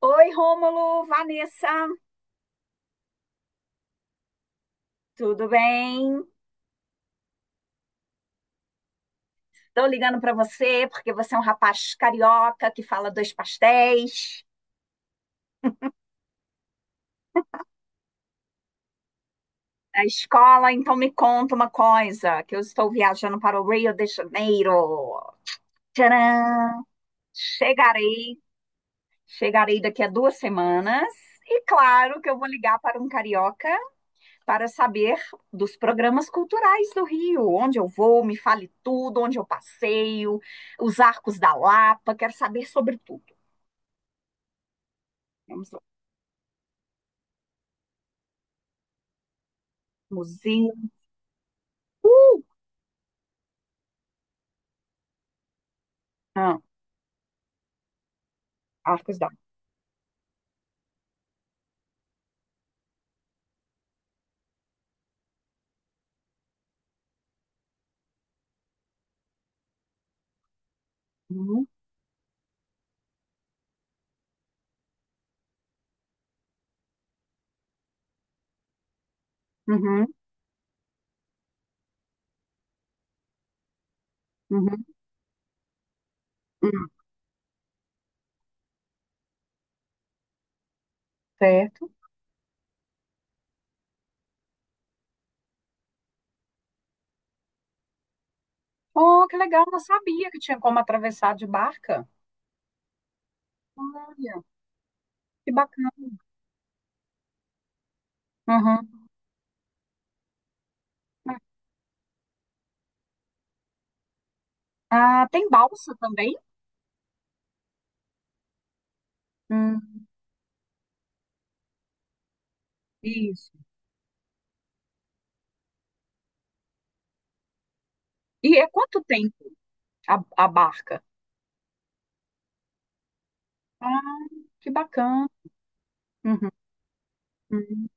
Oi, Rômulo, Vanessa, tudo bem? Estou ligando para você porque você é um rapaz carioca que fala dois pastéis na escola, então me conta uma coisa, que eu estou viajando para o Rio de Janeiro. Tcharam! Chegarei, chegarei daqui a 2 semanas e claro que eu vou ligar para um carioca para saber dos programas culturais do Rio, onde eu vou, me fale tudo, onde eu passeio, os arcos da Lapa, quero saber sobre tudo. Vamos lá. Museu. Uh! Ah, Arcos da. Uhum, uhum, uhum, uhum. Certo. Oh, que legal, não sabia que tinha como atravessar de barca. Olha, que bacana. Uhum. Ah, tem balsa também? Hum, isso. E é quanto tempo a, a barca? Ah, que bacana. Uhum, uhum,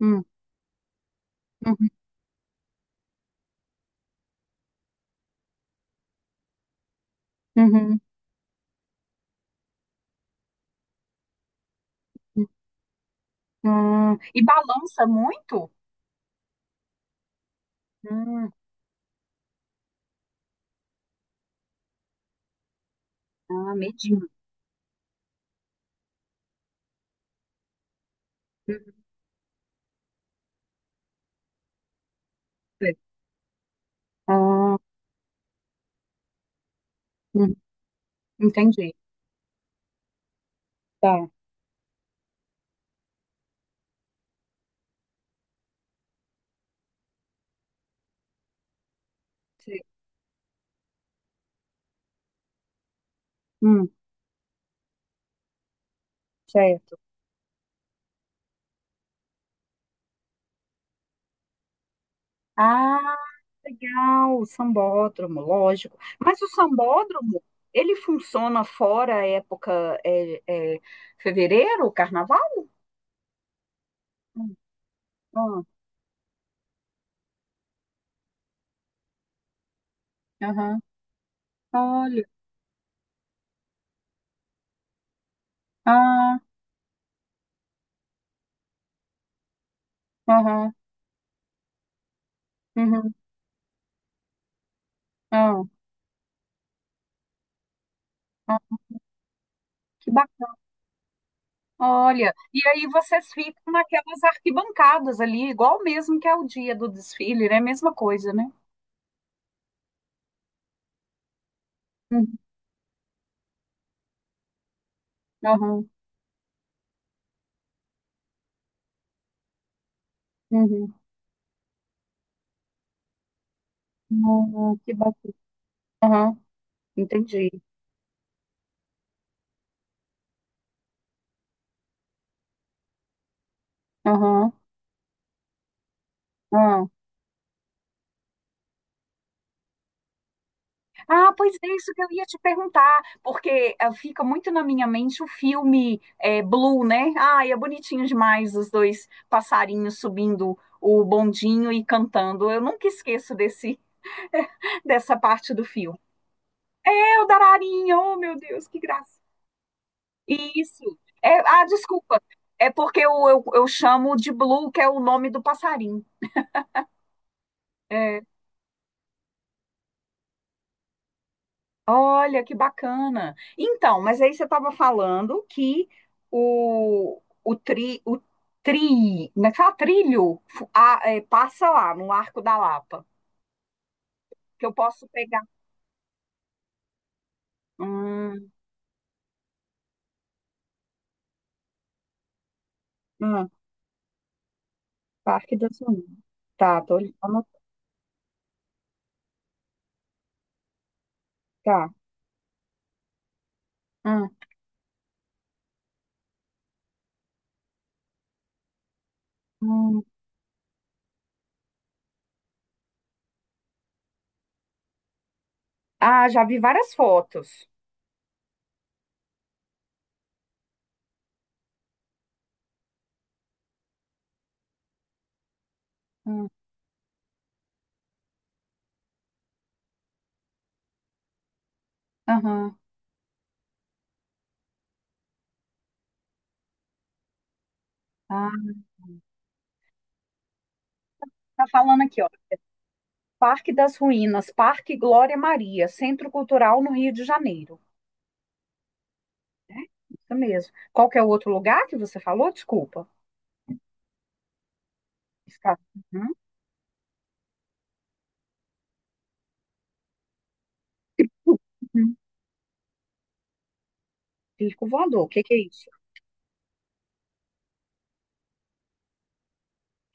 uhum, uhum, uhum. Hum, E balança muito? Hum, ah, medinho. Uhum, sei. Ah, uhum, entendi. Tá. Sei. Hum. Certo. Ah, legal, o sambódromo, lógico. Mas o sambódromo, ele funciona fora a época é, fevereiro, carnaval? Hum, hum, Aham. Olha. Ah, aham. Uhum, ah, ah, que bacana. Olha, e aí vocês ficam naquelas arquibancadas ali, igual mesmo que é o dia do desfile, né? Mesma coisa, né? Uhum, aham, uhum, uhum, que bacana. Aham, entendi. Aham, ah. Ah, pois é isso que eu ia te perguntar, porque fica muito na minha mente o filme Blue, né? Ai, é bonitinho demais os dois passarinhos subindo o bondinho e cantando. Eu nunca esqueço desse dessa parte do filme. É o Dararinho, oh meu Deus, que graça. Isso. É, ah, desculpa. É porque eu chamo de Blue, que é o nome do passarinho. É, olha, que bacana. Então, mas aí você estava falando que o como é que fala? Trilho, passa lá no Arco da Lapa, que eu posso pegar. Hum, hum, Parque das Unidas. Tá, tô anotando. Tá. Hum, hum. Ah, já vi várias fotos. Hum, aham. Ah, tá falando aqui, ó. Parque das Ruínas, Parque Glória Maria, Centro Cultural no Rio de Janeiro. Isso mesmo. Qual que é o outro lugar que você falou? Desculpa. Escada. Uhum, uhum. Circo voador. O que que é isso?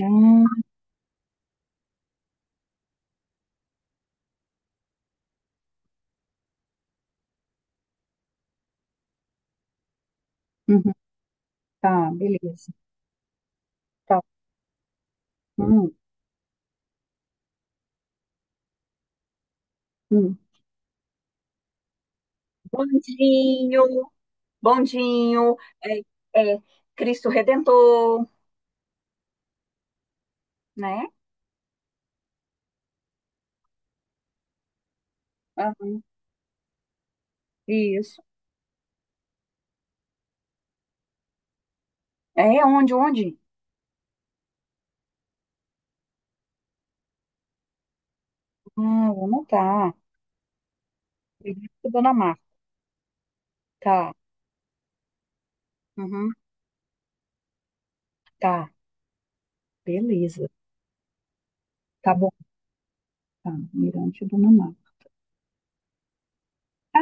Ah, uhum. Tá, beleza. Tá. Hum, hum. Bondinho, bondinho, é, é, Cristo Redentor, né? Ah, isso. É onde, onde? Ah, vou anotar. Mirante Dona Marta. Tá. Uhum. Tá. Beleza. Tá bom. Tá. Mirante Dona Marta. Ah,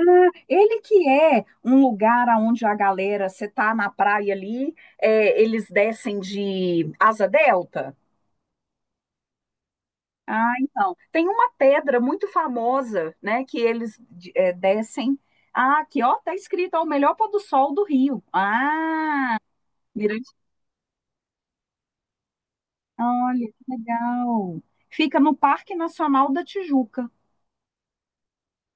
ele que é um lugar onde a galera, você tá na praia ali, eles descem de asa delta. Ah, então. Tem uma pedra muito famosa, né, que eles descem. Ah, aqui, ó, tá escrito, ó, o melhor pôr do sol do Rio. Ah, Mirante. Olha, que legal. Fica no Parque Nacional da Tijuca.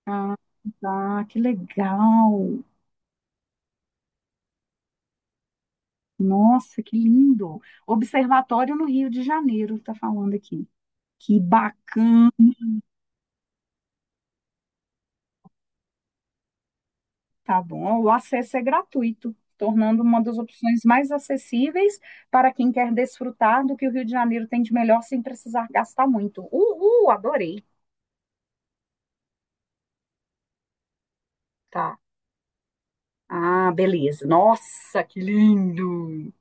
Ah, tá, que legal. Nossa, que lindo. Observatório no Rio de Janeiro, tá falando aqui. Que bacana, tá bom? O acesso é gratuito, tornando uma das opções mais acessíveis para quem quer desfrutar do que o Rio de Janeiro tem de melhor sem precisar gastar muito. Uhul, adorei. Tá. Ah, beleza. Nossa, que lindo.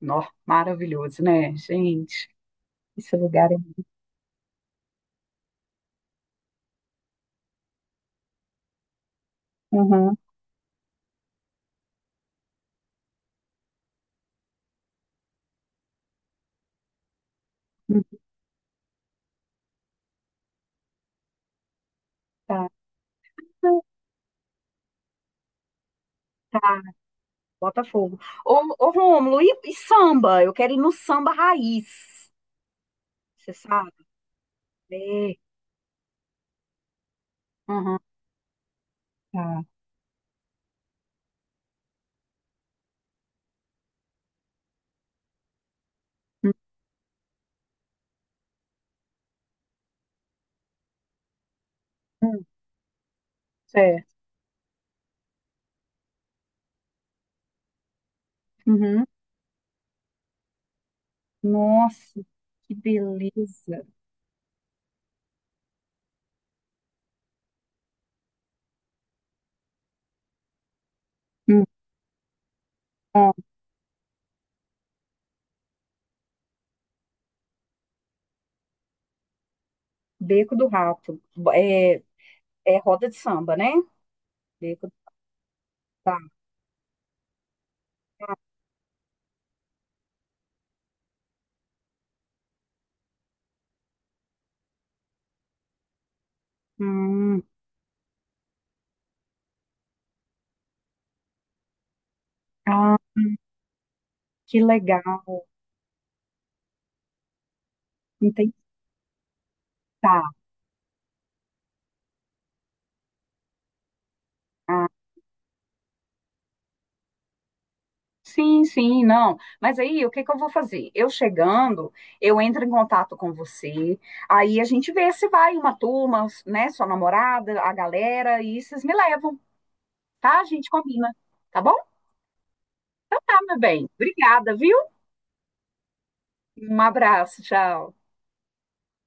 Nó, maravilhoso, né, gente? Esse lugar é. Uhum. Tá. Tá, Botafogo. Ô, ô Rômulo, e samba? Eu quero ir no samba raiz. Você sabe? É. Uhum. Tá. Hum, certo. Uhum. Nossa, que beleza. Hum, ó, Beco do Rato. É, é roda de samba, né? Beco do Rato. Hum, ah, que legal. Entendi. Tá. Ah, sim, sim, não. Mas aí, o que que eu vou fazer? Eu chegando, eu entro em contato com você, aí a gente vê se vai uma turma, né? Sua namorada, a galera, e vocês me levam, tá? A gente combina. Tá bom? Tá, meu bem. Obrigada, viu? Um abraço, tchau.